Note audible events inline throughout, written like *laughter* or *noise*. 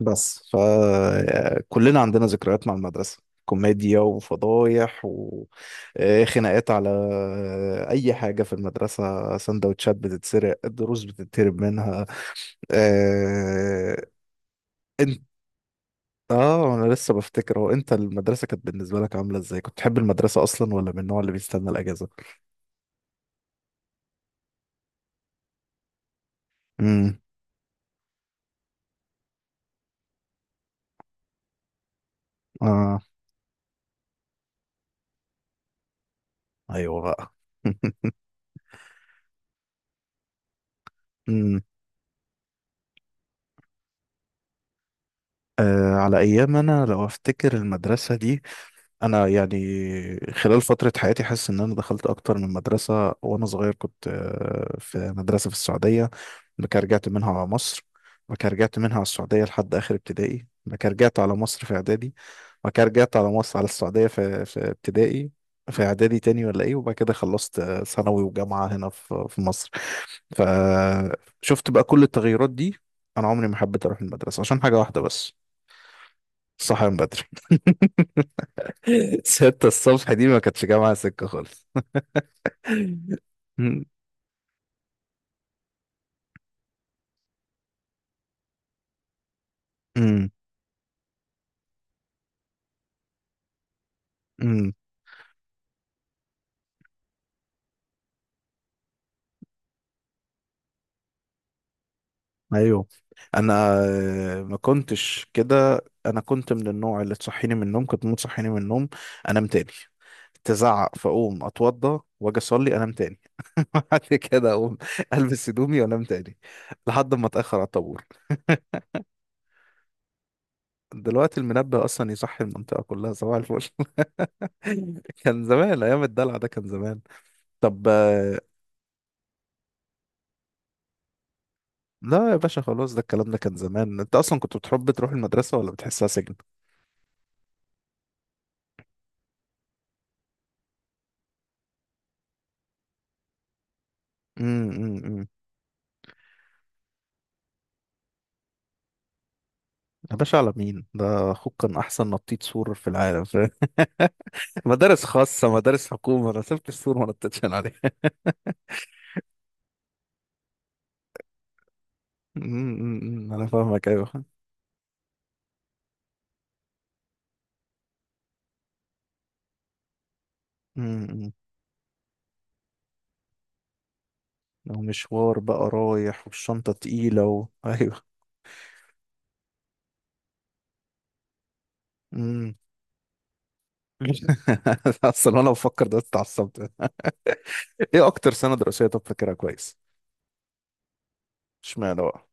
بس فكلنا عندنا ذكريات مع المدرسة، كوميديا وفضايح وخناقات على أي حاجة في المدرسة، سندوتشات بتتسرق، الدروس بتتهرب منها. آه، انت اه انا لسه بفتكر، هو انت، المدرسة كانت بالنسبة لك عاملة ازاي؟ كنت تحب المدرسة اصلا ولا من النوع اللي بيستنى الاجازة؟ امم. اه، ايوه بقى. *laughs* امم. على ايام، انا لو افتكر المدرسة دي، انا يعني خلال فتره حياتي حاسس ان انا دخلت اكتر من مدرسه. وانا صغير كنت في مدرسه في السعوديه. بعد كده رجعت منها على مصر. بعد كده رجعت منها على السعوديه لحد اخر ابتدائي. بعد كده رجعت على مصر في اعدادي. بعد كده رجعت على مصر على السعوديه في ابتدائي. في اعدادي تاني ولا ايه، وبعد كده خلصت ثانوي وجامعه هنا في مصر. فشفت بقى كل التغيرات دي. انا عمري ما حبيت اروح المدرسه عشان حاجه واحده بس: صحيان بدري. *laughs* 6 الصبح دي ما كانتش جامعة سكة خالص. مم. مم. مم. ايوه. انا ما كنتش كده. انا كنت من النوع اللي تصحيني من النوم، كنت ممكن تصحيني من النوم انام تاني. تزعق فاقوم اتوضى واجي اصلي انام تاني. *laughs* بعد كده اقوم البس هدومي وانام تاني لحد ما اتاخر على الطابور. *laughs* دلوقتي المنبه اصلا يصحي المنطقه كلها، صباح الفل. *laughs* كان زمان، ايام الدلع ده كان زمان. طب لا يا باشا، خلاص. ده الكلام ده كان زمان. انت اصلا كنت بتحب تروح المدرسه ولا بتحسها سجن؟ امم. أمم، أمم. يا باشا على مين؟ ده اخوك كان احسن نطيط سور في العالم، فاهم؟ *laughs* مدارس خاصه، مدارس حكومه، انا سبت السور ما نطيتش أنا عليه. *laughs* أمم، أمم، أمم. انا فاهمك، ايوه. أمم، أمم. لو مشوار بقى رايح والشنطه تقيله ايوه. أمم. *laughs* اصلا وانا بفكر، *laughs* دلوقتي اتعصبت. ايه اكتر سنه دراسيه طب فاكرها كويس؟ اشمعنى بقى؟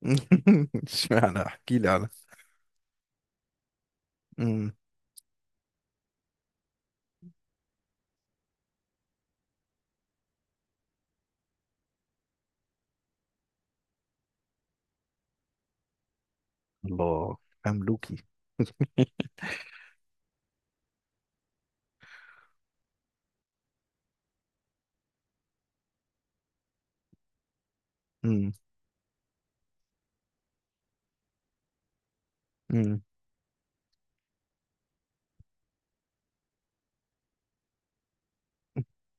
*laughs* اشمعنى؟ احكي لي على. أمم. الله، مملوكي. *laughs* أمم، أمم.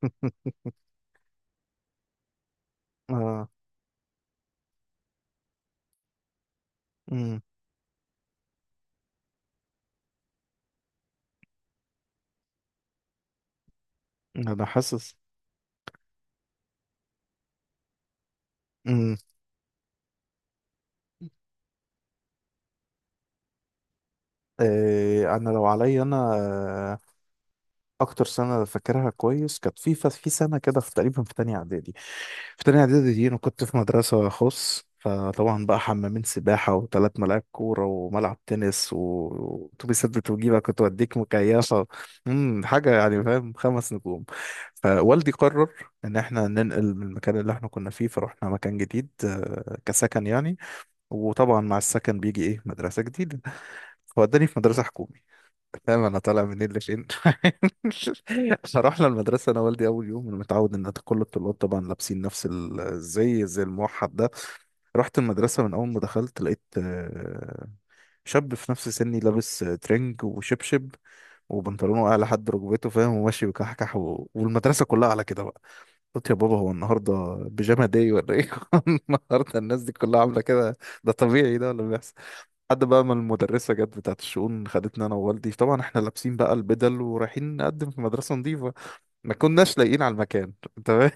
*laughs* اه. انا حاسس امم إيه، انا لو عليا انا اكتر سنه فاكرها كويس كانت في في سنه كده، في تقريبا في تانية اعدادي. في تانية اعدادي دي انا كنت في مدرسه خاص، فطبعا بقى حمامين سباحه و3 ملاعب كوره وملعب تنس واتوبيسات بتجيبك وتوديك مكيفه. حاجه يعني، فاهم، 5 نجوم. فوالدي قرر ان احنا ننقل من المكان اللي احنا كنا فيه، فروحنا مكان جديد كسكن يعني. وطبعا مع السكن بيجي ايه؟ مدرسه جديده. فوداني في مدرسة حكومي. فاهم انا طالع منين لفين؟ *laughs* فرحنا المدرسة انا والدي، اول يوم انا متعود ان كل الطلاب طبعا لابسين نفس الزي، زي الموحد ده. رحت المدرسة، من اول ما دخلت لقيت شاب في نفس سني لابس ترنج وشبشب وبنطلونه اعلى لحد ركبته، فاهم، وماشي بكحكح و... والمدرسة كلها على كده بقى. قلت يا بابا، هو النهارده بيجاما داي ولا ايه؟ *laughs* النهارده الناس دي كلها عاملة كده؟ ده طبيعي ده ولا بيحصل؟ لحد بقى ما المدرسة جت بتاعت الشؤون، خدتنا أنا ووالدي، طبعا احنا لابسين بقى البدل ورايحين نقدم في مدرسة نظيفة، ما كناش لاقيين على المكان. تمام.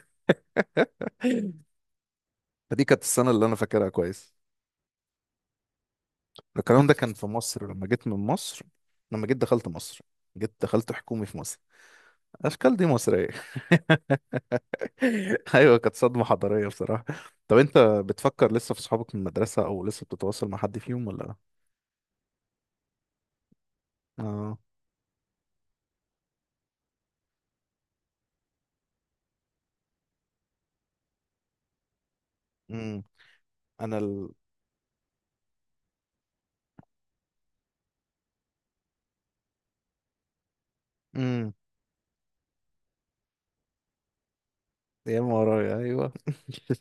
فدي كانت السنة اللي أنا فاكرها كويس. الكلام ده كان في مصر، لما جيت من مصر، لما جيت دخلت مصر، جيت دخلت حكومي في مصر. أشكال دي مصرية. *laughs* أيوة، كانت صدمة حضارية بصراحة. طب أنت بتفكر لسه في صحابك من المدرسة أو لسه بتتواصل مع حد فيهم ولا؟ آه. امم. أنا. مم. يا اما ورايا، ايوه.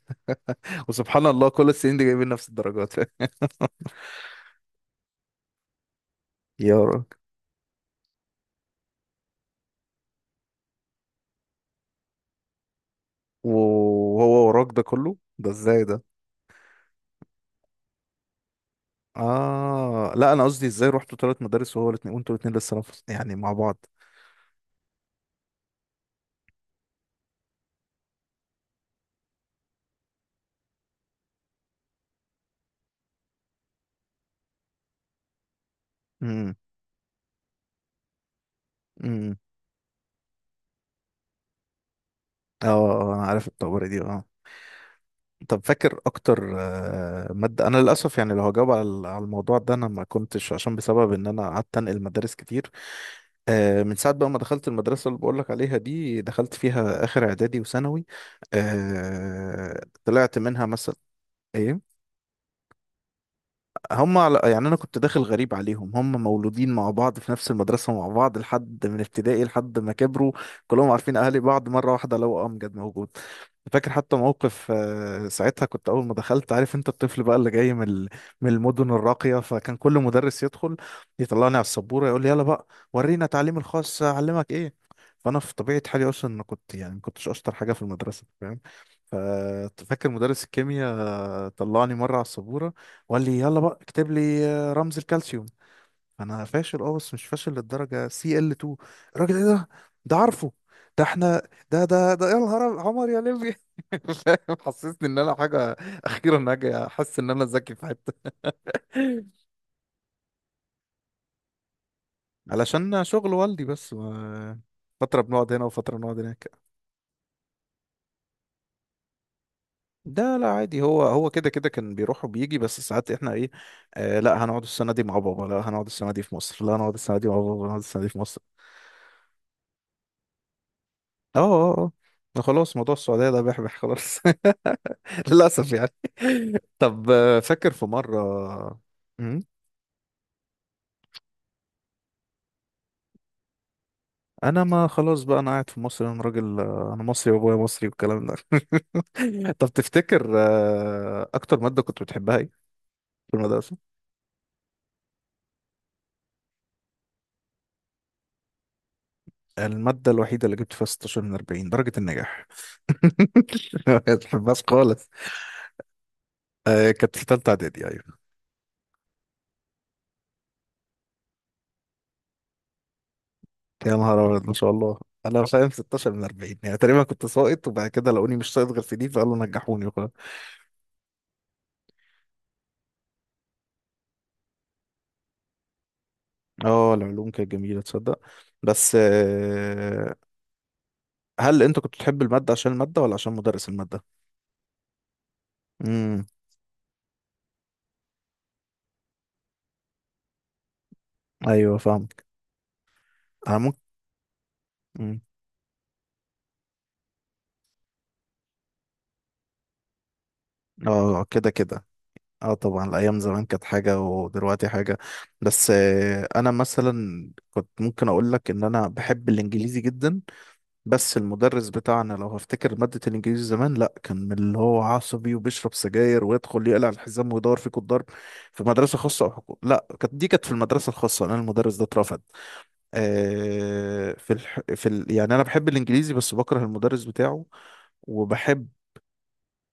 *laughs* وسبحان الله كل السنين دي جايبين نفس الدرجات. *laughs* يا راجل. وهو وراك ده كله، ده ازاي ده؟ اه، لا انا قصدي، ازاي رحتوا 3 مدارس وهو الاثنين وانتوا الاثنين لسه نفس يعني مع بعض؟ امم. امم. اه. انا عارف الطبري دي، اه. طب فاكر اكتر ماده. انا للاسف يعني لو هجاوب على على الموضوع ده، انا ما كنتش، عشان بسبب ان انا قعدت انقل مدارس كتير. من ساعه بقى ما دخلت المدرسه اللي بقول لك عليها دي، دخلت فيها اخر اعدادي وثانوي. طلعت منها مثلا، ايه. يعني انا كنت داخل غريب عليهم، هم مولودين مع بعض في نفس المدرسه، مع بعض لحد من ابتدائي لحد ما كبروا. كلهم عارفين اهالي بعض، مره واحده لو امجد موجود. فاكر حتى موقف ساعتها، كنت اول ما دخلت عارف انت الطفل بقى اللي جاي من من المدن الراقيه، فكان كل مدرس يدخل يطلعني على السبوره يقول لي يلا بقى، ورينا تعليم الخاص، اعلمك ايه. فانا في طبيعه حالي اصلا، انا كنت يعني ما كنتش اشطر حاجه في المدرسه، فاهم. ففاكر مدرس الكيمياء طلعني مره على السبوره وقال لي يلا بقى اكتب لي رمز الكالسيوم. انا فاشل، اه بس مش فاشل للدرجه، سي ال 2. الراجل، ايه ده؟ ده عارفه؟ ده احنا، ده يا نهار، عمر يا ليبي. *laughs* فاهم؟ حسسني ان انا حاجه، اخيرا هاجي احس ان انا ذكي في حته. علشان شغل والدي بس فتره بنقعد هنا وفتره نقعد هناك. ده لا، عادي. هو كده كده كان بيروح وبيجي، بس ساعات احنا ايه. آه، لا هنقعد السنه دي مع بابا، لا هنقعد السنه دي في مصر، لا هنقعد السنه دي مع بابا، هنقعد السنه دي في مصر. اه، اه، اه. خلاص، موضوع السعودية ده بيحبح خلاص. *laughs* للأسف يعني. طب فاكر في مرة؟ مم. أنا ما خلاص بقى، أنا قاعد في مصر، أنا راجل أنا مصري وأبويا مصري والكلام ده. *laughs* طب تفتكر أكتر مادة كنت بتحبها إيه في المدرسة؟ المادة الوحيدة اللي جبت فيها 16 من 40 درجة النجاح. *laughs* ما بتحبهاش خالص. كانت في تالتة إعدادي، أيوة. يا نهار ابيض، ما شاء الله. انا فاهم، 16 من 40 يعني تقريبا كنت ساقط، وبعد كده لقوني مش ساقط غير في دي فقالوا نجحوني وخلاص. اه، العلوم كانت جميله تصدق. بس هل انت كنت بتحب الماده عشان الماده ولا عشان مدرس الماده؟ امم. ايوه فاهمك. انا ممكن مم. اه، كده كده. اه طبعا الايام زمان كانت حاجه ودلوقتي حاجه. بس انا مثلا كنت ممكن اقول لك ان انا بحب الانجليزي جدا. بس المدرس بتاعنا، لو هفتكر مادة الإنجليزي زمان، لأ كان من اللي هو عصبي وبيشرب سجاير ويدخل يقلع الحزام ويدور فيك الضرب. في مدرسة خاصة أو حكومة؟ لأ، كانت دي كانت في المدرسة الخاصة، أنا المدرس ده اترفض. في الح... في ال... يعني أنا بحب الإنجليزي بس بكره المدرس بتاعه. وبحب،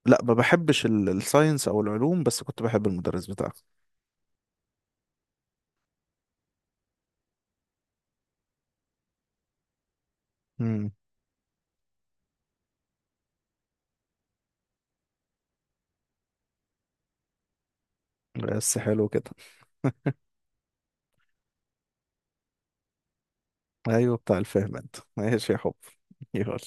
لأ ما بحبش الساينس أو العلوم، بس كنت بحب المدرس بتاعه. مم. بس حلو كده. أيوه، بتاع الفهم. أنت ماشي يا حب، يلا.